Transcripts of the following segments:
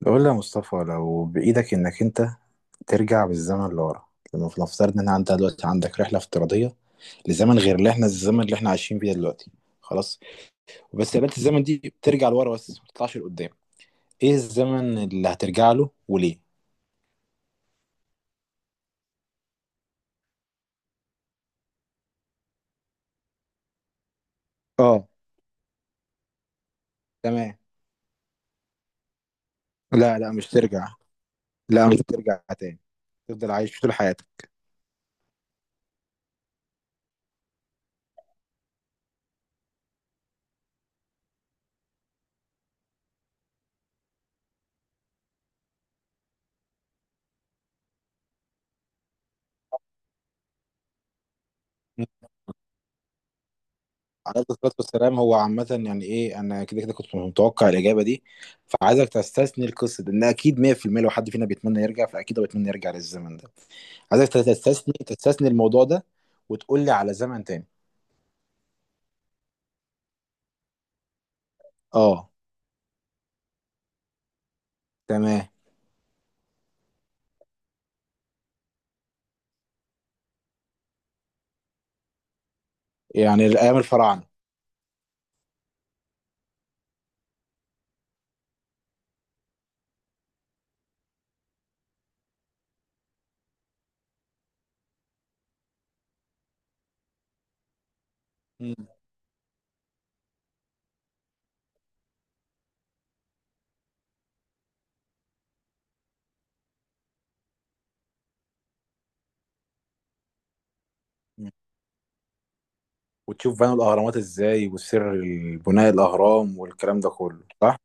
بقول لي يا مصطفى، لو بإيدك إنك أنت ترجع بالزمن لورا. لما نفترض إن أنت دلوقتي عندك رحلة افتراضية لزمن غير اللي إحنا الزمن اللي إحنا عايشين فيه دلوقتي، خلاص. وبس قابلت الزمن دي بترجع لورا بس ما بتطلعش لقدام. إيه الزمن اللي هترجع له وليه؟ اه، تمام. لا لا، مش ترجع. لا، مش ترجع تاني. تفضل عايش طول حياتك. عليه الصلاة والسلام. هو عامة يعني ايه، انا كده كده كنت متوقع الإجابة دي. فعايزك تستثني القصة دي ان اكيد 100% لو حد فينا بيتمنى يرجع فاكيد هو بيتمنى يرجع للزمن ده. عايزك تستثني الموضوع ده وتقول لي على زمن تاني. اه، تمام. يعني الأيام الفراعنة. مم. مم. وتشوف بنوا الأهرامات ازاي وسر بناء الأهرام والكلام ده كله، صح؟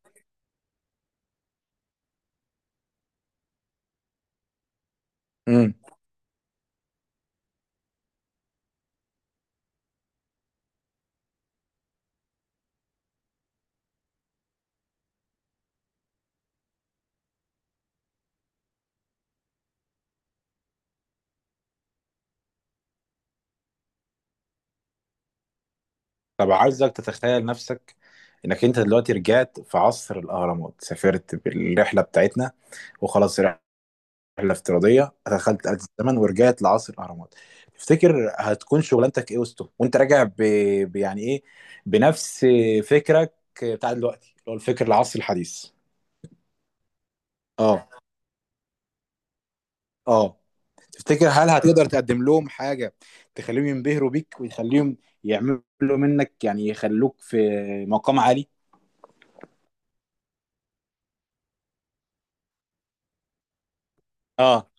امم. طب عايزك تتخيل نفسك انك انت دلوقتي رجعت في عصر الأهرامات، سافرت بالرحلة بتاعتنا وخلاص. رحلة افتراضية، دخلت آلة الزمن ورجعت لعصر الأهرامات. تفتكر هتكون شغلانتك إيه وسطهم وأنت راجع يعني إيه، بنفس فكرك بتاع دلوقتي اللي هو الفكر العصري الحديث؟ أه، أه. تفتكر هل هتقدر تقدم لهم حاجة تخليهم ينبهروا بيك ويخليهم يعملوا منك، يعني يخلوك في مقام عالي؟ اه،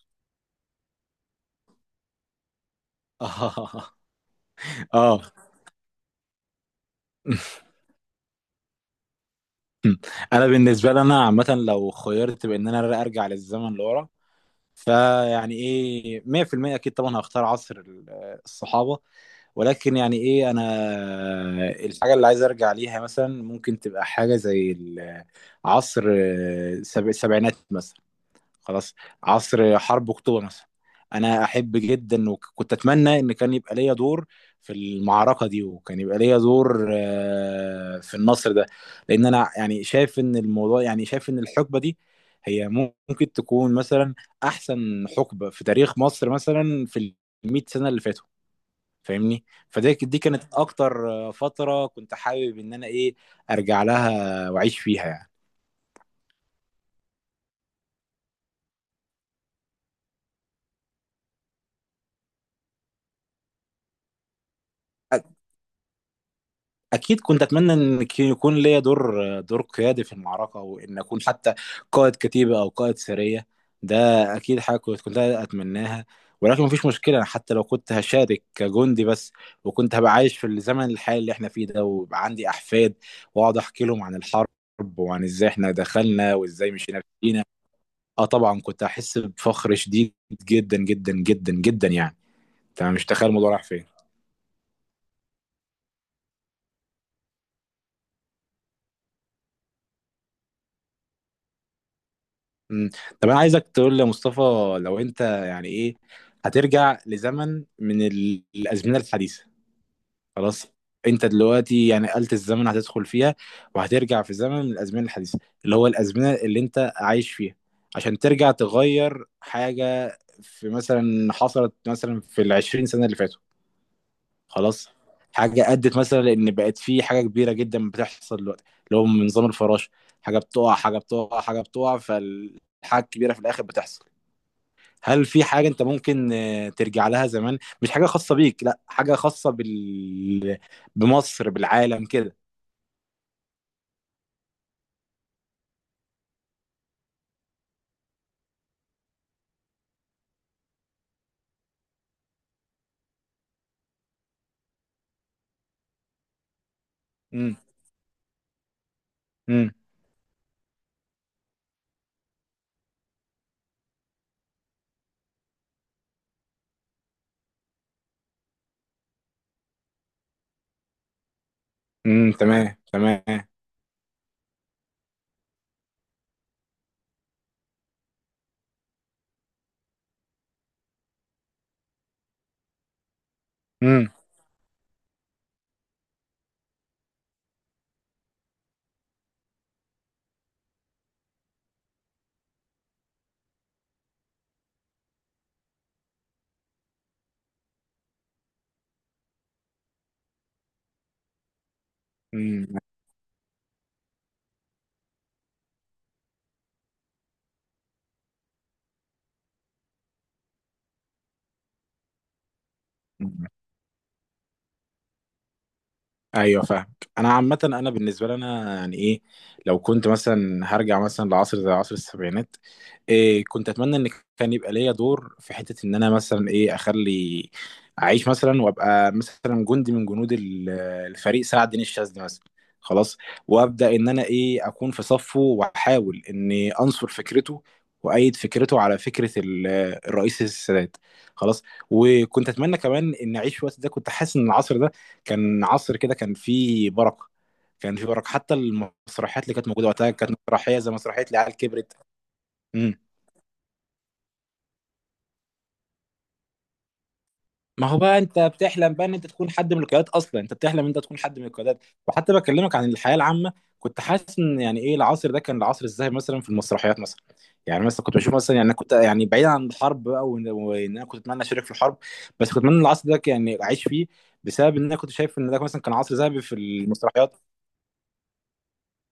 اه، اه. انا بالنسبه لي، انا عامه لو خيرت بان انا ارجع للزمن لورا فيعني ايه 100% اكيد طبعا هختار عصر الصحابه. ولكن يعني ايه، انا الحاجه اللي عايز ارجع ليها مثلا ممكن تبقى حاجه زي عصر السبعينات مثلا. خلاص. عصر حرب اكتوبر مثلا. انا احب جدا وكنت اتمنى ان كان يبقى ليا دور في المعركه دي، وكان يبقى ليا دور في النصر ده. لان انا يعني شايف ان الموضوع، يعني شايف ان الحقبه دي هي ممكن تكون مثلا احسن حقبه في تاريخ مصر مثلا في ال 100 سنه اللي فاتوا، فاهمني. فده دي كانت اكتر فتره كنت حابب ان انا ايه، ارجع لها واعيش فيها يعني. اكيد كنت اتمنى ان يكون ليا دور قيادي في المعركه، وان اكون حتى قائد كتيبه او قائد سريه ده. اكيد حاجه كنت اتمناها. ولكن مفيش مشكله، أنا حتى لو كنت هشارك كجندي بس، وكنت هبقى عايش في الزمن الحالي اللي احنا فيه ده ويبقى عندي احفاد واقعد احكي لهم عن الحرب وعن ازاي احنا دخلنا وازاي مشينا فينا. اه طبعا كنت هحس بفخر شديد، جدا جدا جدا جدا يعني. انت مش تخيل الموضوع راح فين. مم. طب انا عايزك تقول لي يا مصطفى، لو انت يعني ايه هترجع لزمن من الازمنه الحديثه، خلاص. انت دلوقتي يعني آلة الزمن هتدخل فيها وهترجع في زمن من الازمنه الحديثه اللي هو الازمنه اللي انت عايش فيها، عشان ترجع تغير حاجه في مثلا حصلت مثلا في العشرين سنه اللي فاتوا، خلاص. حاجه ادت مثلا ان بقت في حاجه كبيره جدا بتحصل دلوقتي، اللي هو من نظام الفراشه. حاجه بتقع، حاجه بتقع، حاجه بتقع، فالحاجه الكبيره في الاخر بتحصل. هل في حاجة أنت ممكن ترجع لها زمان، مش حاجة خاصة بيك، لا حاجة خاصة بمصر، بالعالم كده. امم، امم، امم، تمام، تمام. امم. امم، ايوه فاهمك. انا عامه انا بالنسبه لي انا يعني ايه، لو كنت مثلا هرجع مثلا لعصر زي عصر السبعينات، إيه كنت اتمنى ان كان يبقى ليا دور في حته، ان انا مثلا ايه اخلي اعيش مثلا وابقى مثلا جندي من جنود الفريق سعد دين الشاذلي مثلا. خلاص. وابدا ان انا ايه اكون في صفه واحاول اني انصر فكرته وايد فكرته على فكره الرئيس السادات. خلاص. وكنت اتمنى كمان ان اعيش في الوقت ده. كنت حاسس ان العصر ده كان عصر كده، كان فيه بركه. كان فيه بركه، حتى المسرحيات اللي كانت موجوده وقتها كانت مسرحيه زي مسرحيه العيال كبرت. امم. ما هو بقى انت بتحلم بقى ان انت تكون حد من القيادات اصلا، انت بتحلم ان انت تكون حد من القيادات. وحتى بكلمك عن الحياه العامه، كنت حاسس ان يعني ايه العصر ده كان العصر ازاي، مثلا في المسرحيات مثلا. يعني مثلا كنت بشوف مثلا، يعني انا كنت يعني بعيد عن الحرب بقى، وإن انا كنت اتمنى اشارك في الحرب. بس كنت اتمنى العصر ده يعني اعيش فيه بسبب ان انا كنت شايف ان ده مثلا كان عصر ذهبي في المسرحيات.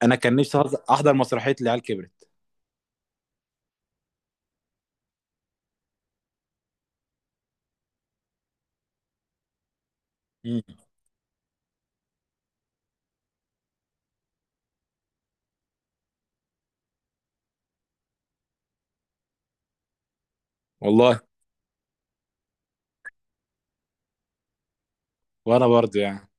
انا كان نفسي احضر مسرحيه العيال كبرت. مم. والله. وانا برضه يعني.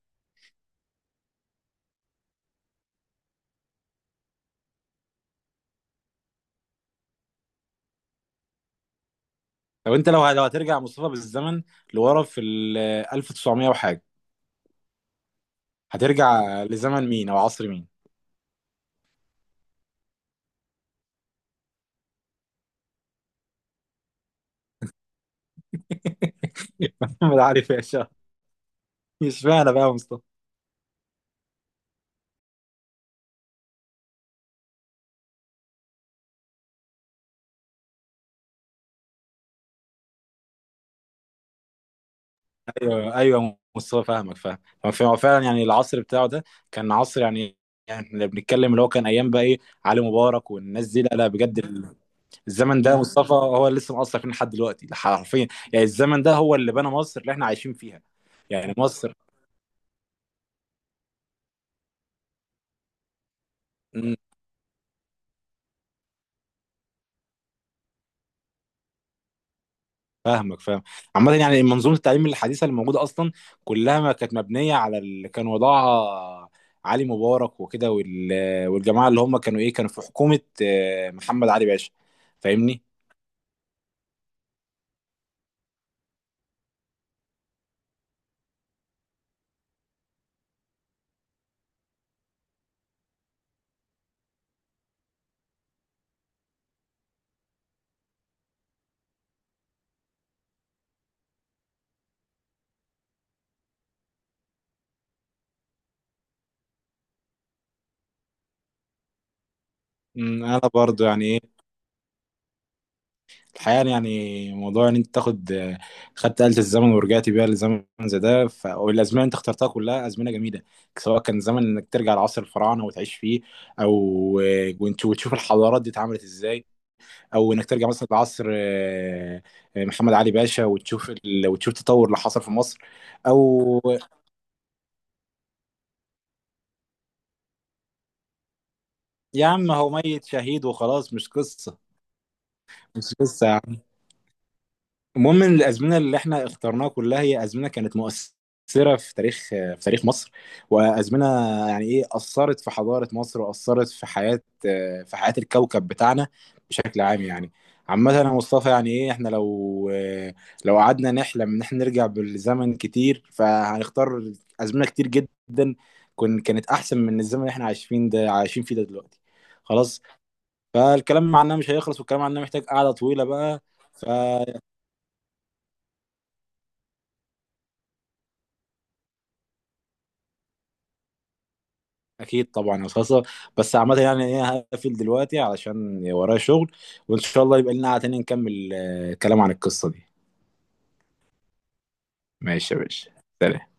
طب انت لو هترجع مصطفى بالزمن لورا في ال 1900 وحاجه، هترجع لزمن مين او عصر مين؟ محمد علي باشا. مش معنى بقى يا مصطفى. ايوه، ايوه مصطفى فاهمك فاهم. هو فعلاً يعني العصر بتاعه ده كان عصر، يعني يعني اللي بنتكلم اللي هو كان ايام بقى ايه، علي مبارك والناس دي. لا لا بجد، الزمن ده مصطفى هو اللي لسه مأثر فينا لحد دلوقتي، حرفيا. يعني الزمن ده هو اللي بنى مصر اللي احنا عايشين فيها. يعني مصر. فاهمك فاهم. عامة يعني منظومة التعليم الحديثة اللي موجودة أصلا كلها ما كانت مبنية على اللي كان وضعها علي مبارك وكده والجماعة اللي هم كانوا إيه كانوا في حكومة محمد علي باشا، فاهمني؟ أمم، أنا برضو يعني إيه الحقيقة، يعني موضوع إن أنت تاخد آه، خدت آلة الزمن ورجعت بيها لزمن زي ده، والأزمنة اللي أنت اخترتها كلها أزمنة جميلة. سواء كان زمن إنك ترجع لعصر الفراعنة وتعيش فيه، أو وتشوف الحضارات دي اتعملت إزاي، او انك ترجع مثلا لعصر محمد علي باشا وتشوف وتشوف التطور اللي حصل في مصر. او يا عم هو ميت شهيد وخلاص، مش قصه. مش قصه. المهم ان الازمنه اللي احنا اخترناها كلها هي ازمنه كانت مؤثره في تاريخ مصر. وازمنه يعني ايه اثرت في حضاره مصر، واثرت في حياه الكوكب بتاعنا بشكل عام يعني. عامة يا مصطفى يعني ايه، احنا لو قعدنا نحلم ان احنا نرجع بالزمن كتير فهنختار ازمنه كتير جدا، كانت احسن من الزمن اللي احنا عايشين فيه ده دلوقتي. خلاص. فالكلام عنها مش هيخلص، والكلام عنها محتاج قعدة طويلة بقى. ف اكيد طبعا يا صاصه. بس عامه يعني ايه هقفل دلوقتي علشان ورايا شغل، وان شاء الله يبقى لنا قعده تانية نكمل كلام عن القصه دي. ماشي يا باشا. سلام.